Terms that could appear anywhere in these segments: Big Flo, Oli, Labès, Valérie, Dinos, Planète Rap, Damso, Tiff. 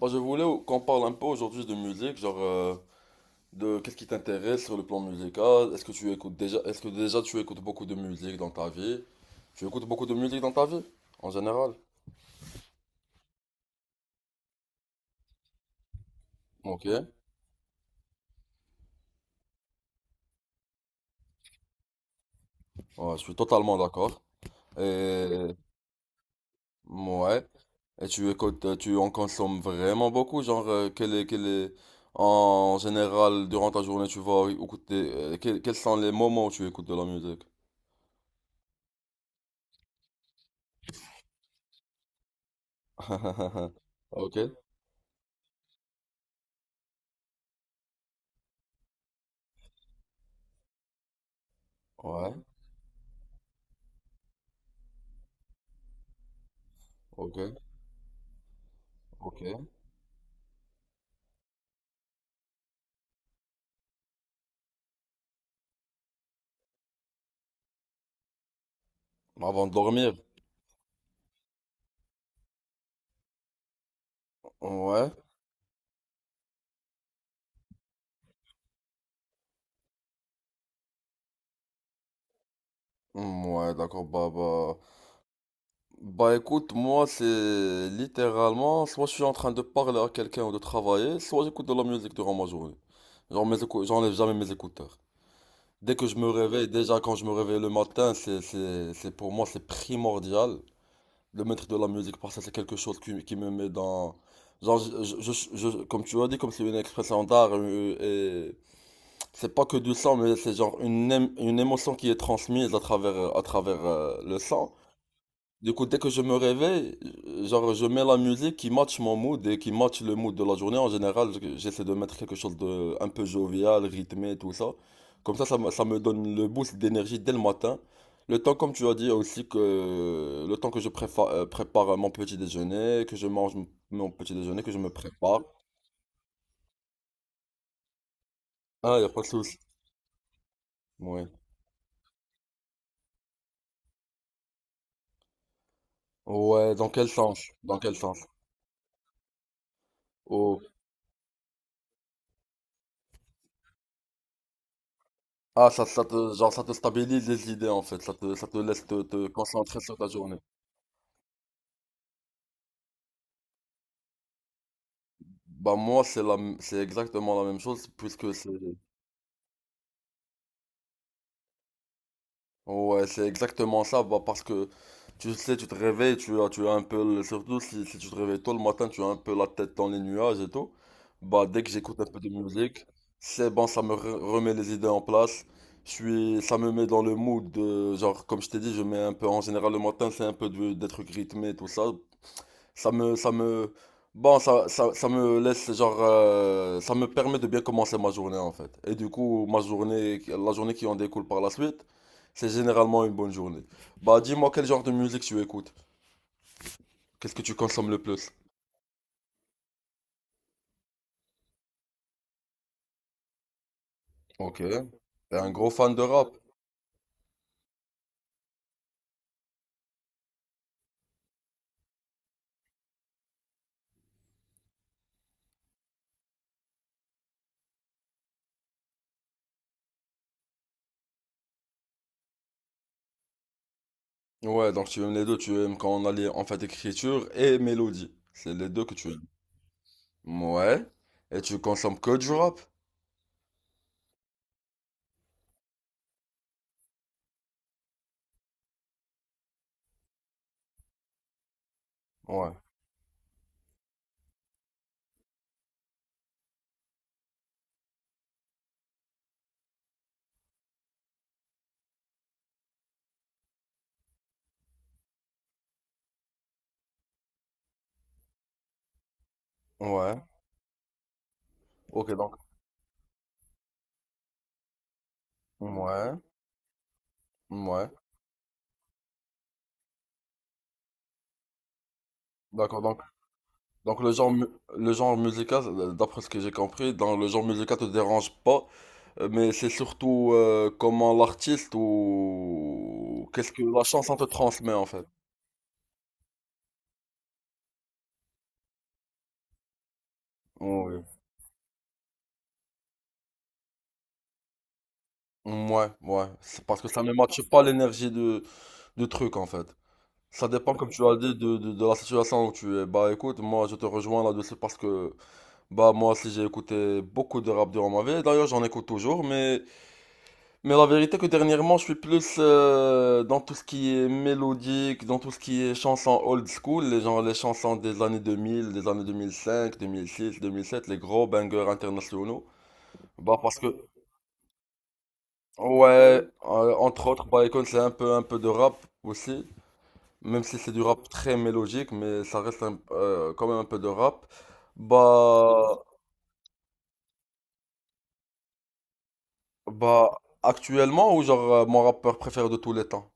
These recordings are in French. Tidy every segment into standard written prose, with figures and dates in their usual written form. Je voulais qu'on parle un peu aujourd'hui de musique, genre de qu'est-ce qui t'intéresse sur le plan musical. Est-ce que déjà tu écoutes beaucoup de musique dans ta vie? Tu écoutes beaucoup de musique dans ta vie, en général? Ok. Ouais, je suis totalement d'accord. Et ouais, et tu en consommes vraiment beaucoup, genre en général durant ta journée tu vas écouter, quels sont les moments où tu écoutes de la musique? Ok, ouais, ok, ok. Avant de dormir. Ouais, mm, ouais, d'accord, bah, écoute, moi, c'est littéralement, soit je suis en train de parler à quelqu'un ou de travailler, soit j'écoute de la musique durant ma journée. Genre, j'enlève jamais mes écouteurs. Dès que je me réveille, déjà quand je me réveille le matin, pour moi, c'est primordial de mettre de la musique parce que c'est quelque chose qui me met dans, genre, comme tu as dit, comme c'est une expression d'art. C'est pas que du sang, mais c'est genre une émotion qui est transmise à travers, le sang. Du coup, dès que je me réveille, genre, je mets la musique qui match mon mood et qui match le mood de la journée. En général, j'essaie de mettre quelque chose de un peu jovial, rythmé, tout ça. Comme ça, ça me donne le boost d'énergie dès le matin. Le temps, comme tu as dit, aussi que le temps que je prépare mon petit déjeuner, que je mange mon petit déjeuner, que je me prépare. Ah, y a pas de souci. Ouais. Ouais, dans quel sens? Dans quel sens? Oh. Ah, ça te, genre, ça te stabilise les idées en fait, ça te laisse te concentrer sur ta journée. Bah moi c'est c'est exactement la même chose puisque c'est, ouais c'est exactement ça, bah parce que tu sais tu te réveilles, tu as un peu, surtout si, si tu te réveilles tôt le matin, tu as un peu la tête dans les nuages et tout. Bah dès que j'écoute un peu de musique, c'est bon, ça me remet les idées en place. Je suis, ça me met dans le mood de, genre comme je t'ai dit, je mets un peu en général le matin c'est un peu des trucs rythmés tout ça. Ça me, ça me, bon, ça me laisse, genre, ça me permet de bien commencer ma journée, en fait. Et du coup, ma journée, la journée qui en découle par la suite, c'est généralement une bonne journée. Bah, dis-moi quel genre de musique tu écoutes? Qu'est-ce que tu consommes le plus? Ok. T'es un gros fan de rap? Ouais, donc tu aimes les deux, tu aimes quand on a les, en fait, écriture et mélodie. C'est les deux que tu aimes. Ouais. Et tu consommes que du rap? Ouais. Ouais. Ok, donc. Ouais. Ouais. D'accord. Donc le genre, le genre musical, d'après ce que j'ai compris, dans le genre musical te dérange pas, mais c'est surtout comment l'artiste ou qu'est-ce que la chanson te transmet en fait. Ouais, ouais, ouais. C'est parce que ça ne matche pas l'énergie de, du truc en fait. Ça dépend, comme tu as dit, de la situation où tu es. Bah écoute, moi je te rejoins là-dessus parce que, bah moi aussi j'ai écouté beaucoup de rap durant ma vie. D'ailleurs j'en écoute toujours, mais la vérité que dernièrement, je suis plus dans tout ce qui est mélodique, dans tout ce qui est chansons old school, les gens, les chansons des années 2000, des années 2005, 2006, 2007, les gros bangers internationaux. Bah parce que ouais, entre autres, bah écoute, c'est un peu de rap aussi, même si c'est du rap très mélodique, mais ça reste quand même un peu de rap. Bah bah actuellement ou genre mon rappeur préféré de tous les temps?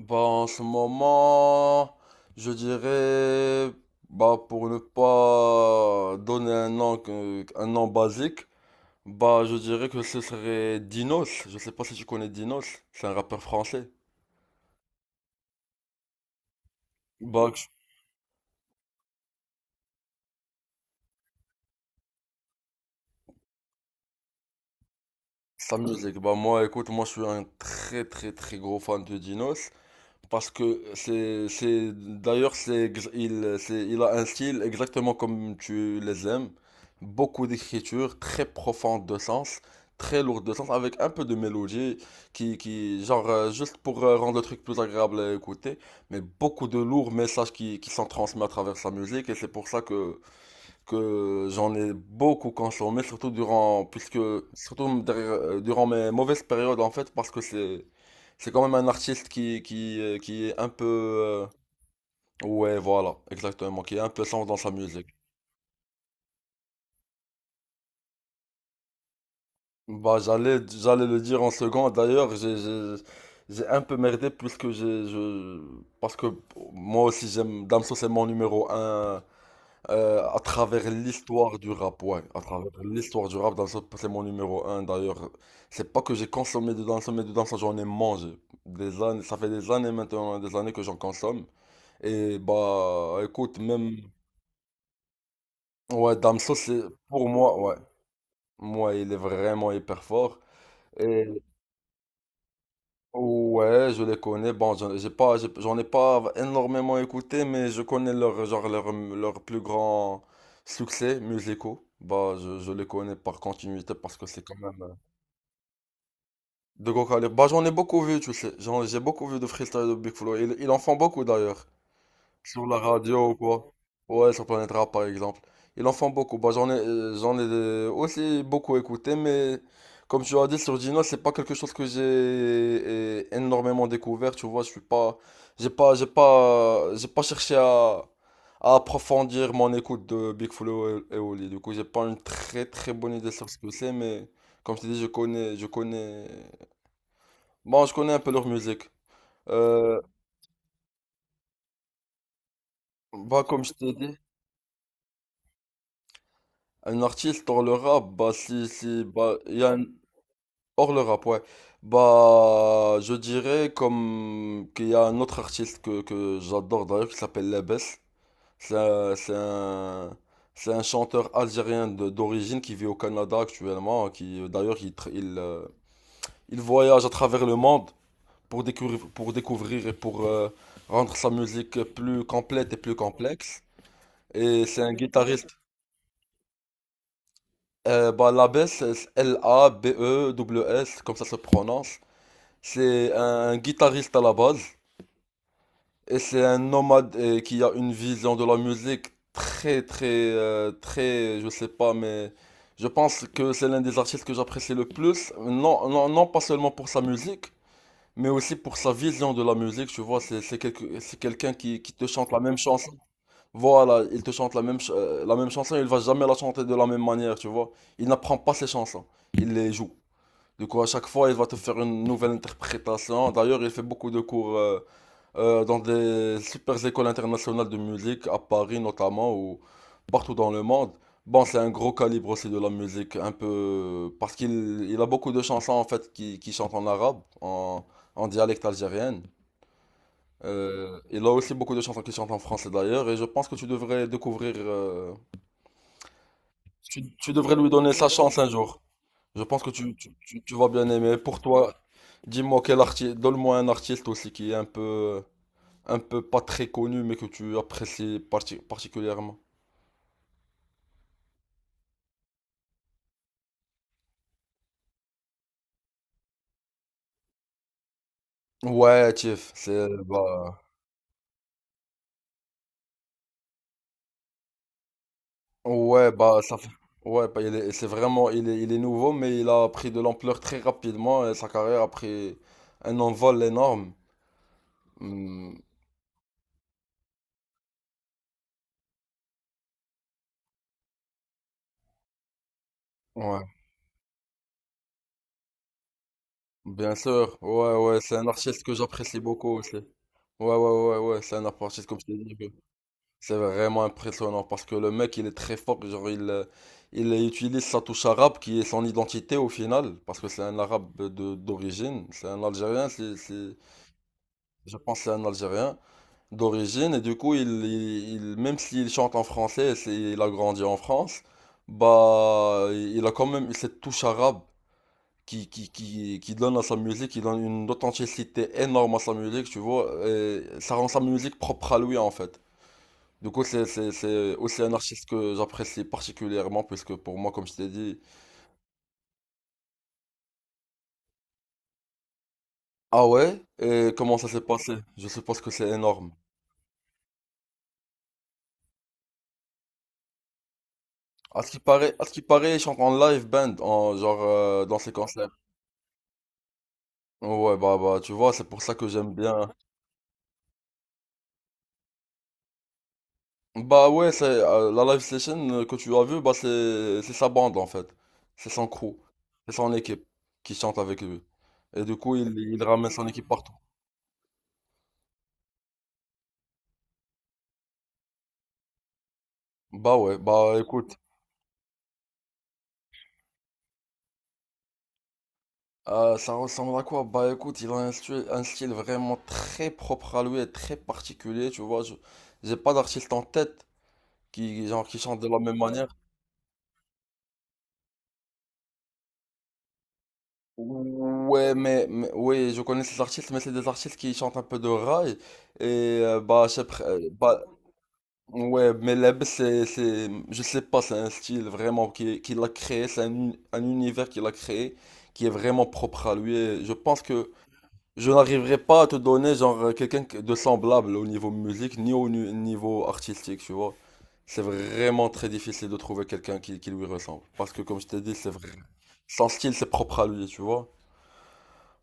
Bah, en ce moment, je dirais, bah, pour ne pas donner un nom, un nom basique, bah, je dirais que ce serait Dinos. Je sais pas si tu connais Dinos. C'est un rappeur français. Bah, sa musique. Bah, moi, écoute, moi, je suis un très, très, très gros fan de Dinos. Parce que c'est, d'ailleurs, c'est, ex- il, c'est, il a un style exactement comme tu les aimes. Beaucoup d'écriture, très profonde de sens, très lourde de sens, avec un peu de mélodie, qui genre, juste pour rendre le truc plus agréable à écouter, mais beaucoup de lourds messages qui sont transmis à travers sa musique, et c'est pour ça que j'en ai beaucoup consommé, surtout durant, puisque, surtout durant mes mauvaises périodes en fait, parce que c'est quand même un artiste qui est un peu, ouais, voilà, exactement, qui est un peu sombre dans sa musique. Bah, j'allais, j'allais le dire en second, d'ailleurs, j'ai un peu merdé puisque j'ai, je, parce que moi aussi j'aime, Damso c'est mon numéro un. À travers l'histoire du rap, ouais, à travers l'histoire du rap, Danso, c'est mon numéro un d'ailleurs. C'est pas que j'ai consommé de danse, mais de danse, j'en ai mangé. Des années, ça fait des années maintenant, hein, des années que j'en consomme. Et bah, écoute, même, ouais, Damso, c'est pour moi, ouais, moi, il est vraiment hyper fort. Et ouais, je les connais. Bon, j'en ai pas énormément écouté, mais je connais leur, genre, leur plus grand succès musicaux. Bah, je les connais par continuité parce que c'est quand même de gros calibre. Bah, j'en ai beaucoup vu, tu sais. J'ai beaucoup vu de freestyle de Big Flo. Ils en font beaucoup d'ailleurs. Sur la radio ou quoi? Ouais, sur Planète Rap par exemple. Ils en font beaucoup. Bah, j'en ai aussi beaucoup écouté, mais comme tu as dit sur Dino, c'est pas quelque chose que j'ai énormément découvert. Tu vois, je suis pas, j'ai pas, j'ai pas, j'ai pas cherché à approfondir mon écoute de Big Flo et Oli. Du coup, j'ai pas une très très bonne idée sur ce que c'est, mais comme je t'ai dit, je connais, bon, je connais un peu leur musique. Euh, Bah, comme je t'ai dit. Un artiste hors le rap, bah si, si, bah, il y a un- hors le rap, ouais. Bah, je dirais comme qu'il y a un autre artiste que j'adore d'ailleurs qui s'appelle Labès. C'est un, c'est un, c'est un chanteur algérien d'origine qui vit au Canada actuellement, qui d'ailleurs il, il voyage à travers le monde pour découvrir et pour rendre sa musique plus complète et plus complexe. Et c'est un guitariste. Bah, l'abbé, c'est Labews, comme ça se prononce. C'est un guitariste à la base. Et c'est un nomade qui a une vision de la musique très, très, très, je sais pas, mais je pense que c'est l'un des artistes que j'apprécie le plus. Non, non, non pas seulement pour sa musique, mais aussi pour sa vision de la musique. Tu vois, c'est c'est quelqu'un qui te chante la même chanson. Voilà, il te chante la même, la même chanson, il va jamais la chanter de la même manière, tu vois. Il n'apprend pas ses chansons, il les joue. Du coup, à chaque fois, il va te faire une nouvelle interprétation. D'ailleurs, il fait beaucoup de cours dans des super écoles internationales de musique, à Paris notamment, ou partout dans le monde. Bon, c'est un gros calibre aussi de la musique, un peu. Parce qu'il il a beaucoup de chansons, en fait, qui chantent en arabe, en dialecte algérien. Il a aussi beaucoup de chansons qui chantent en français, d'ailleurs, et je pense que tu devrais découvrir. Tu, tu devrais lui donner sa chance un jour. Je pense que tu, tu vas bien aimer. Pour toi, dis-moi quel artiste, donne-moi un artiste aussi qui est un peu pas très connu, mais que tu apprécies particulièrement. Ouais, Tiff, c'est, bah, ouais, bah, ça fait, ouais, bah, il est, c'est vraiment, il est nouveau, mais il a pris de l'ampleur très rapidement et sa carrière a pris un envol énorme. Hmm, ouais, bien sûr, ouais, ouais, c'est un artiste que j'apprécie beaucoup aussi. Ouais, ouais, ouais, ouais, c'est un artiste comme je t'ai dit. C'est vraiment impressionnant parce que le mec, il est très fort. Genre, il utilise sa touche arabe qui est son identité au final. Parce que c'est un arabe de, d'origine. C'est un Algérien. C'est, je pense que c'est un Algérien d'origine. Et du coup, il, même s'il chante en français, c'est, il a grandi en France, bah, il a quand même cette touche arabe qui donne à sa musique, qui donne une authenticité énorme à sa musique, tu vois. Et ça rend sa musique propre à lui en fait. Du coup, c'est c'est aussi un artiste que j'apprécie particulièrement, puisque pour moi, comme je t'ai dit, ah ouais, et comment ça s'est passé? Je suppose que c'est énorme. À ce qui paraît, à ce qui paraît, il chante en live band, en, genre dans ses concerts. Ouais, bah, bah, tu vois, c'est pour ça que j'aime bien. Bah ouais, c'est la live session que tu as vue, bah c'est sa bande en fait. C'est son crew, c'est son équipe qui chante avec lui. Et du coup, il ramène son équipe partout. Bah ouais, bah écoute. Ça ressemble à quoi? Bah écoute, il a un style vraiment très propre à lui et très particulier, tu vois. Je, j'ai pas d'artiste en tête qui, genre, qui chante de la même manière. Ouais, mais oui, je connais ces artistes, mais c'est des artistes qui chantent un peu de rail. Et bah, je sais bah, ouais, mais Leb, c'est, je sais pas, c'est un style vraiment qu'il a créé, c'est un univers qu'il a créé qui est vraiment propre à lui. Et je pense que Je n'arriverai pas à te donner genre quelqu'un de semblable au niveau musique ni au niveau artistique, tu vois. C'est vraiment très difficile de trouver quelqu'un qui lui ressemble. Parce que comme je t'ai dit, c'est vrai. Son style, c'est propre à lui, tu vois.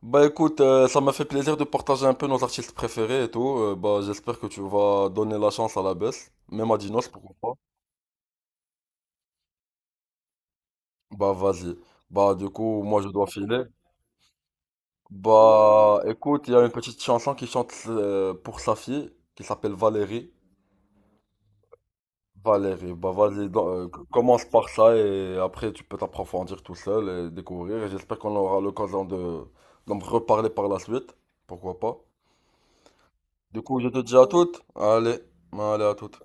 Bah écoute, ça m'a fait plaisir de partager un peu nos artistes préférés et tout. Bah j'espère que tu vas donner la chance à la baisse. Même à Dinos, pourquoi pas. Bah vas-y. Bah du coup, moi je dois filer. Bah écoute, il y a une petite chanson qui chante pour sa fille, qui s'appelle Valérie. Valérie, bah vas-y, donc, commence par ça et après tu peux t'approfondir tout seul et découvrir. Et j'espère qu'on aura l'occasion de d'en reparler par la suite. Pourquoi pas? Du coup, je te dis à toutes. Allez, allez à toutes.